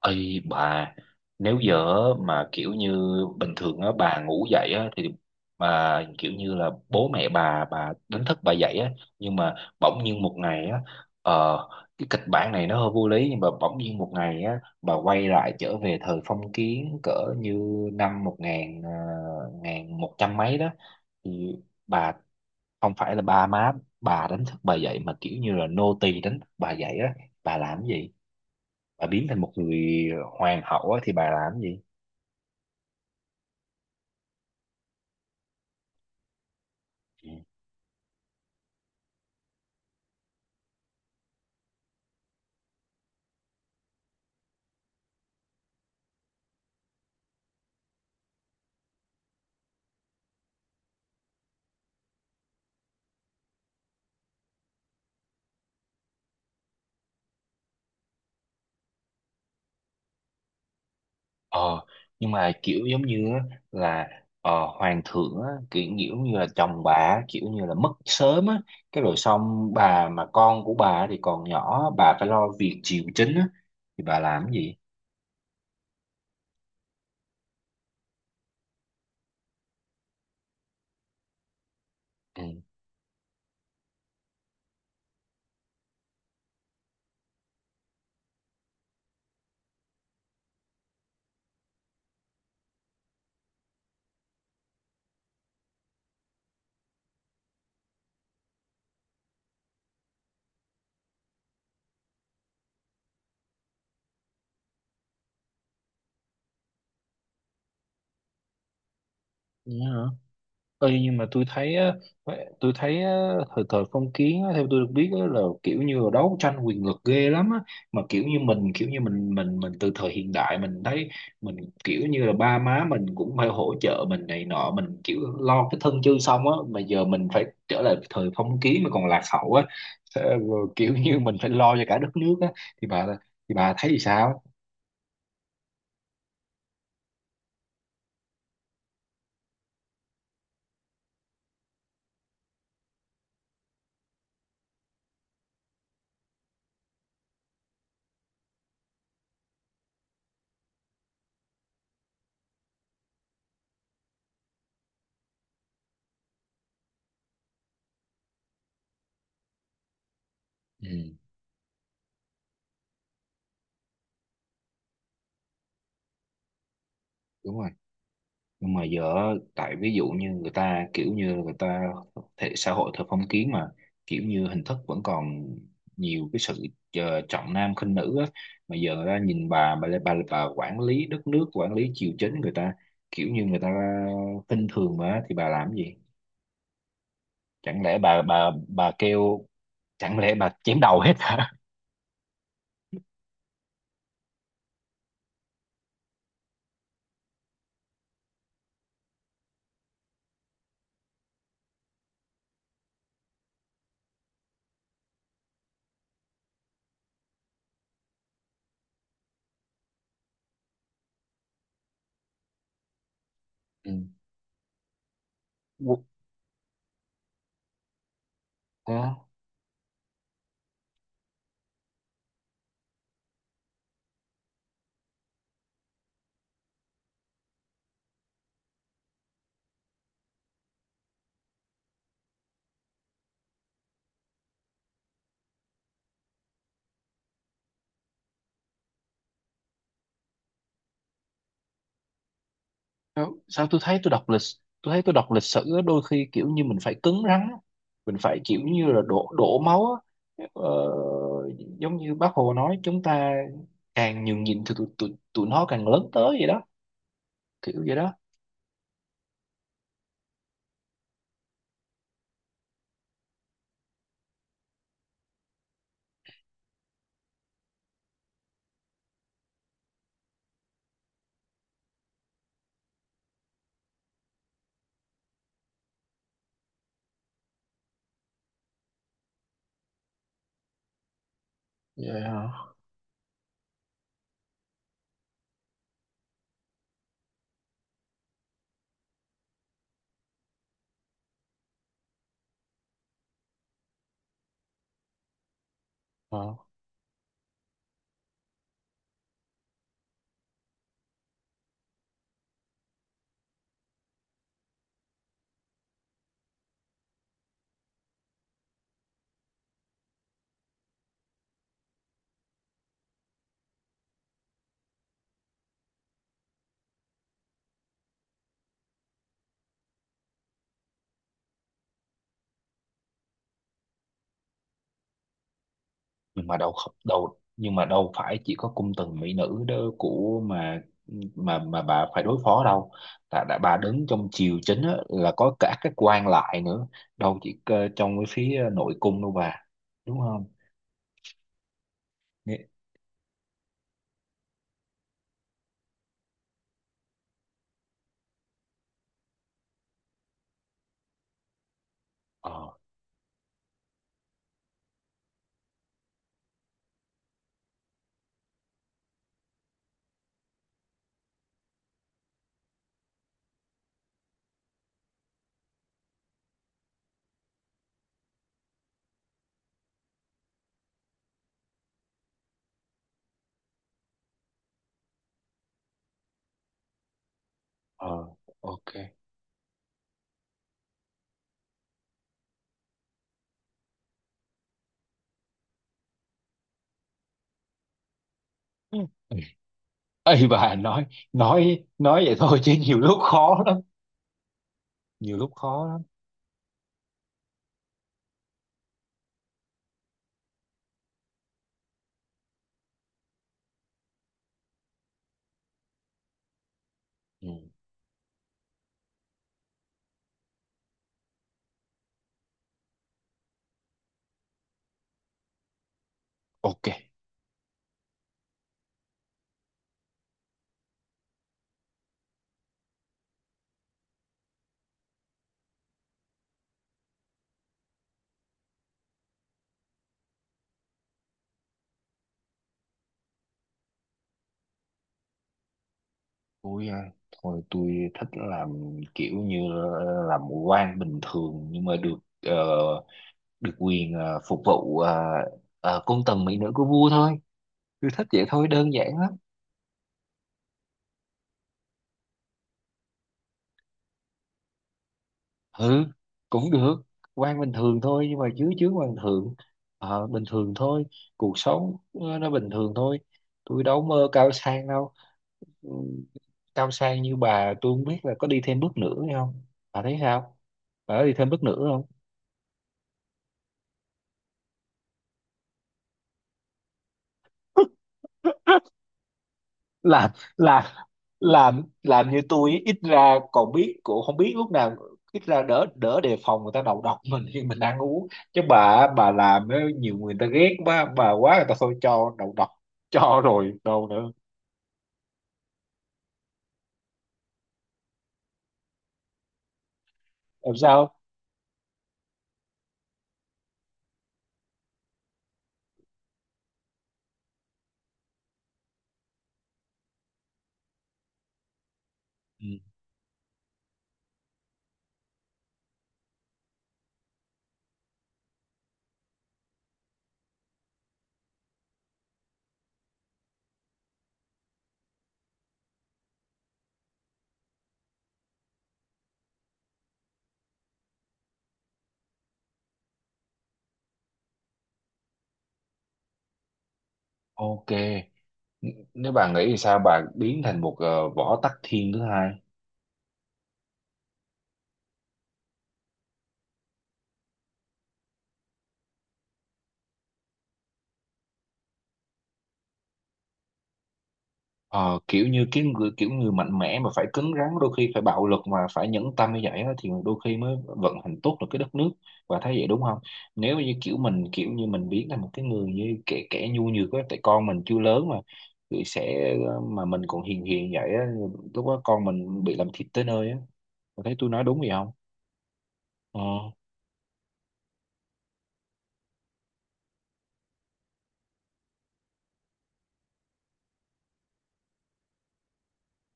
Ây bà, nếu giờ mà kiểu như bình thường á bà ngủ dậy á thì mà kiểu như là bố mẹ bà đánh thức bà dậy á, nhưng mà bỗng nhiên một ngày á, ờ, cái kịch bản này nó hơi vô lý, nhưng mà bỗng nhiên một ngày á bà quay lại trở về thời phong kiến cỡ như năm ngàn một trăm mấy đó, thì bà không phải là ba má bà đánh thức bà dậy mà kiểu như là nô tì đánh thức bà dậy á. Bà làm cái gì? Bà biến thành một người hoàng hậu á, thì bà làm gì? Ừ. ờ nhưng mà kiểu giống như á, là ờ, hoàng thượng á, kiểu kiểu như là chồng bà á, kiểu như là mất sớm á, cái rồi xong bà mà con của bà thì còn nhỏ, bà phải lo việc triều chính á, thì bà làm gì? À, thế hả? Ê, nhưng mà tôi thấy á, thời thời phong kiến á, theo tôi được biết á, là kiểu như là đấu tranh quyền lực ghê lắm á, mà kiểu như mình kiểu như mình từ thời hiện đại mình thấy mình kiểu như là ba má mình cũng phải hỗ trợ mình này nọ, mình kiểu lo cái thân chưa xong á mà giờ mình phải trở lại thời phong kiến mà còn lạc hậu á. Thế rồi kiểu như mình phải lo cho cả đất nước á, thì bà thì bà thấy thì sao? Ừ, đúng rồi. Nhưng mà giờ tại ví dụ như người ta kiểu như người ta thể xã hội theo phong kiến mà kiểu như hình thức vẫn còn nhiều cái sự trọng nam khinh nữ á, mà giờ người ta nhìn bà quản lý đất nước quản lý triều chính, người ta kiểu như người ta khinh thường mà thì bà làm gì? Chẳng lẽ bà kêu, chẳng lẽ bà chém đầu hết hả? Ừ. Ủa? Đâu, sao tôi thấy tôi đọc lịch sử á, đôi khi kiểu như mình phải cứng rắn á. Mình phải kiểu như là đổ đổ máu á. ờ, Giống như bác Hồ nói chúng ta càng nhường nhịn thì tụi nó càng lớn tới vậy đó, kiểu vậy đó. Vậy hả? Ờ. Nhưng mà đâu không- đâu, nhưng mà đâu phải chỉ có cung tần mỹ nữ đó của mà mà bà phải đối phó đâu, là đã bà đứng trong triều chính á, là có cả các quan lại nữa, đâu chỉ trong cái phía nội cung đâu bà, đúng không? Nghĩ- ờ, ờ, ok. Ừ. Ấy bà nói, nói vậy thôi chứ nhiều lúc khó lắm, nhiều lúc khó lắm. Ừ. Ok. Tôi à, thôi tôi thích làm kiểu như làm quan bình thường nhưng mà được được quyền phục vụ cung tần mỹ nữ của vua thôi. Tôi thích vậy thôi, đơn giản lắm. Ừ, cũng được. Quan bình thường thôi nhưng mà chứ chứ quan thượng bình thường thôi, cuộc sống nó bình thường thôi, tôi đâu mơ cao sang đâu. Ừ, cao sang như bà tôi không biết là có đi thêm bước nữa hay không, bà thấy sao, bà có đi thêm bước nữa không? làm làm làm như tôi ấy, ít ra còn biết cũng không biết lúc nào, ít ra đỡ đỡ đề phòng người ta đầu độc mình khi mình ăn uống, chứ bà làm á, nhiều người ta ghét quá, bà quá người ta thôi cho đầu độc cho rồi đâu nữa làm sao. Ừ. Ok. Nếu bà nghĩ thì sao bà biến thành một Võ Tắc Thiên thứ hai? Ờ, kiểu như cái người kiểu người mạnh mẽ mà phải cứng rắn đôi khi phải bạo lực mà phải nhẫn tâm như vậy á, thì đôi khi mới vận hành tốt được cái đất nước, và thấy vậy đúng không? Nếu như kiểu mình kiểu như mình biến thành một cái người như kẻ kẻ nhu nhược á tại con mình chưa lớn mà thì sẽ, mà mình còn hiền hiền vậy á, lúc đó con mình bị làm thịt tới nơi á. Bà thấy tôi nói đúng gì không? Ờ,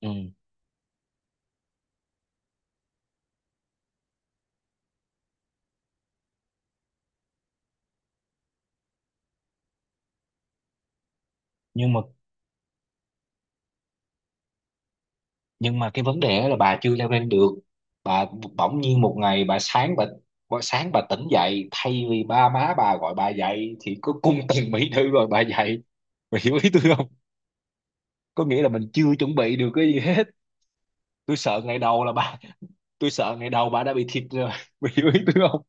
ừ. nhưng mà nhưng mà cái vấn đề là bà chưa leo lên được. Bà bỗng nhiên một ngày bà sáng bà tỉnh dậy thay vì ba má bà gọi bà dậy thì có cung tần mỹ nữ gọi bà dậy, bà hiểu ý tôi không? Có nghĩa là mình chưa chuẩn bị được cái gì hết. Tôi sợ ngày đầu là bà, tôi sợ ngày đầu bà đã bị thịt rồi bà hiểu ý tôi không?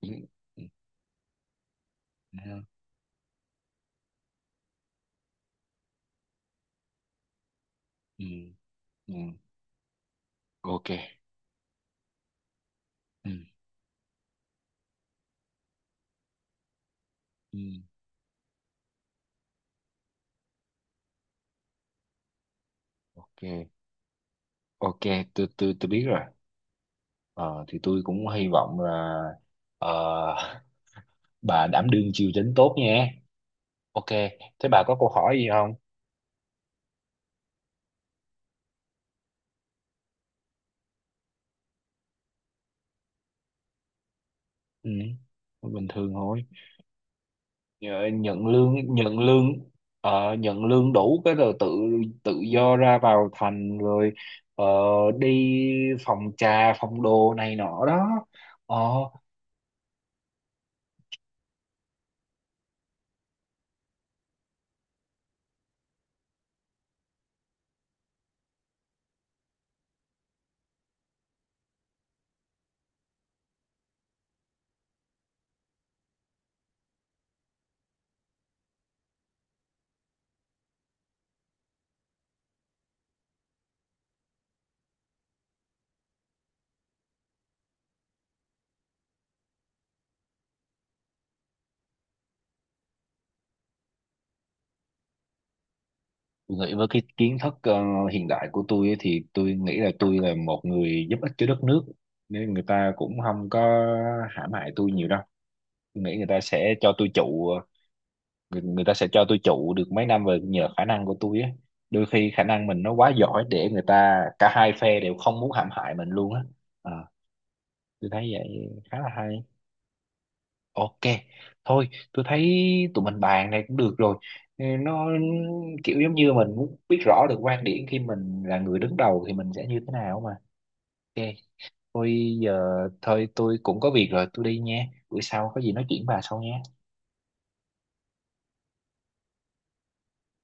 Ừ, ừ, ừ, ừ, ừ. Ok. Ừ, ừ, ok, ok. Tôi biết rồi. Ờ, thì tôi cũng hy vọng là ờ, bà đảm đương triều chính tốt nha. Ok, thế bà có câu hỏi gì không? Ừ, bình thường thôi. Nhận lương, nhận lương, nhận lương đủ cái rồi tự tự do ra vào thành rồi ờ, đi phòng trà, phòng đồ này nọ đó. Ờ, nghĩ với cái kiến thức hiện đại của tôi ấy thì tôi nghĩ là tôi là một người giúp ích cho đất nước. Nên người ta cũng không có hãm hại tôi nhiều đâu. Tôi nghĩ người ta sẽ cho tôi trụ, người ta sẽ cho tôi trụ được mấy năm về nhờ khả năng của tôi á, đôi khi khả năng mình nó quá giỏi để người ta cả hai phe đều không muốn hãm hại mình luôn á. À, tôi thấy vậy khá là hay. Ok, thôi tôi thấy tụi mình bàn này cũng được rồi. Ừ, nó kiểu giống như mình muốn biết rõ được quan điểm khi mình là người đứng đầu thì mình sẽ như thế nào mà. Ok, thôi giờ thôi tôi cũng có việc rồi tôi đi nha, buổi sau có gì nói chuyện bà sau nhé.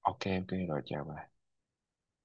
Ok, ok rồi, chào bà.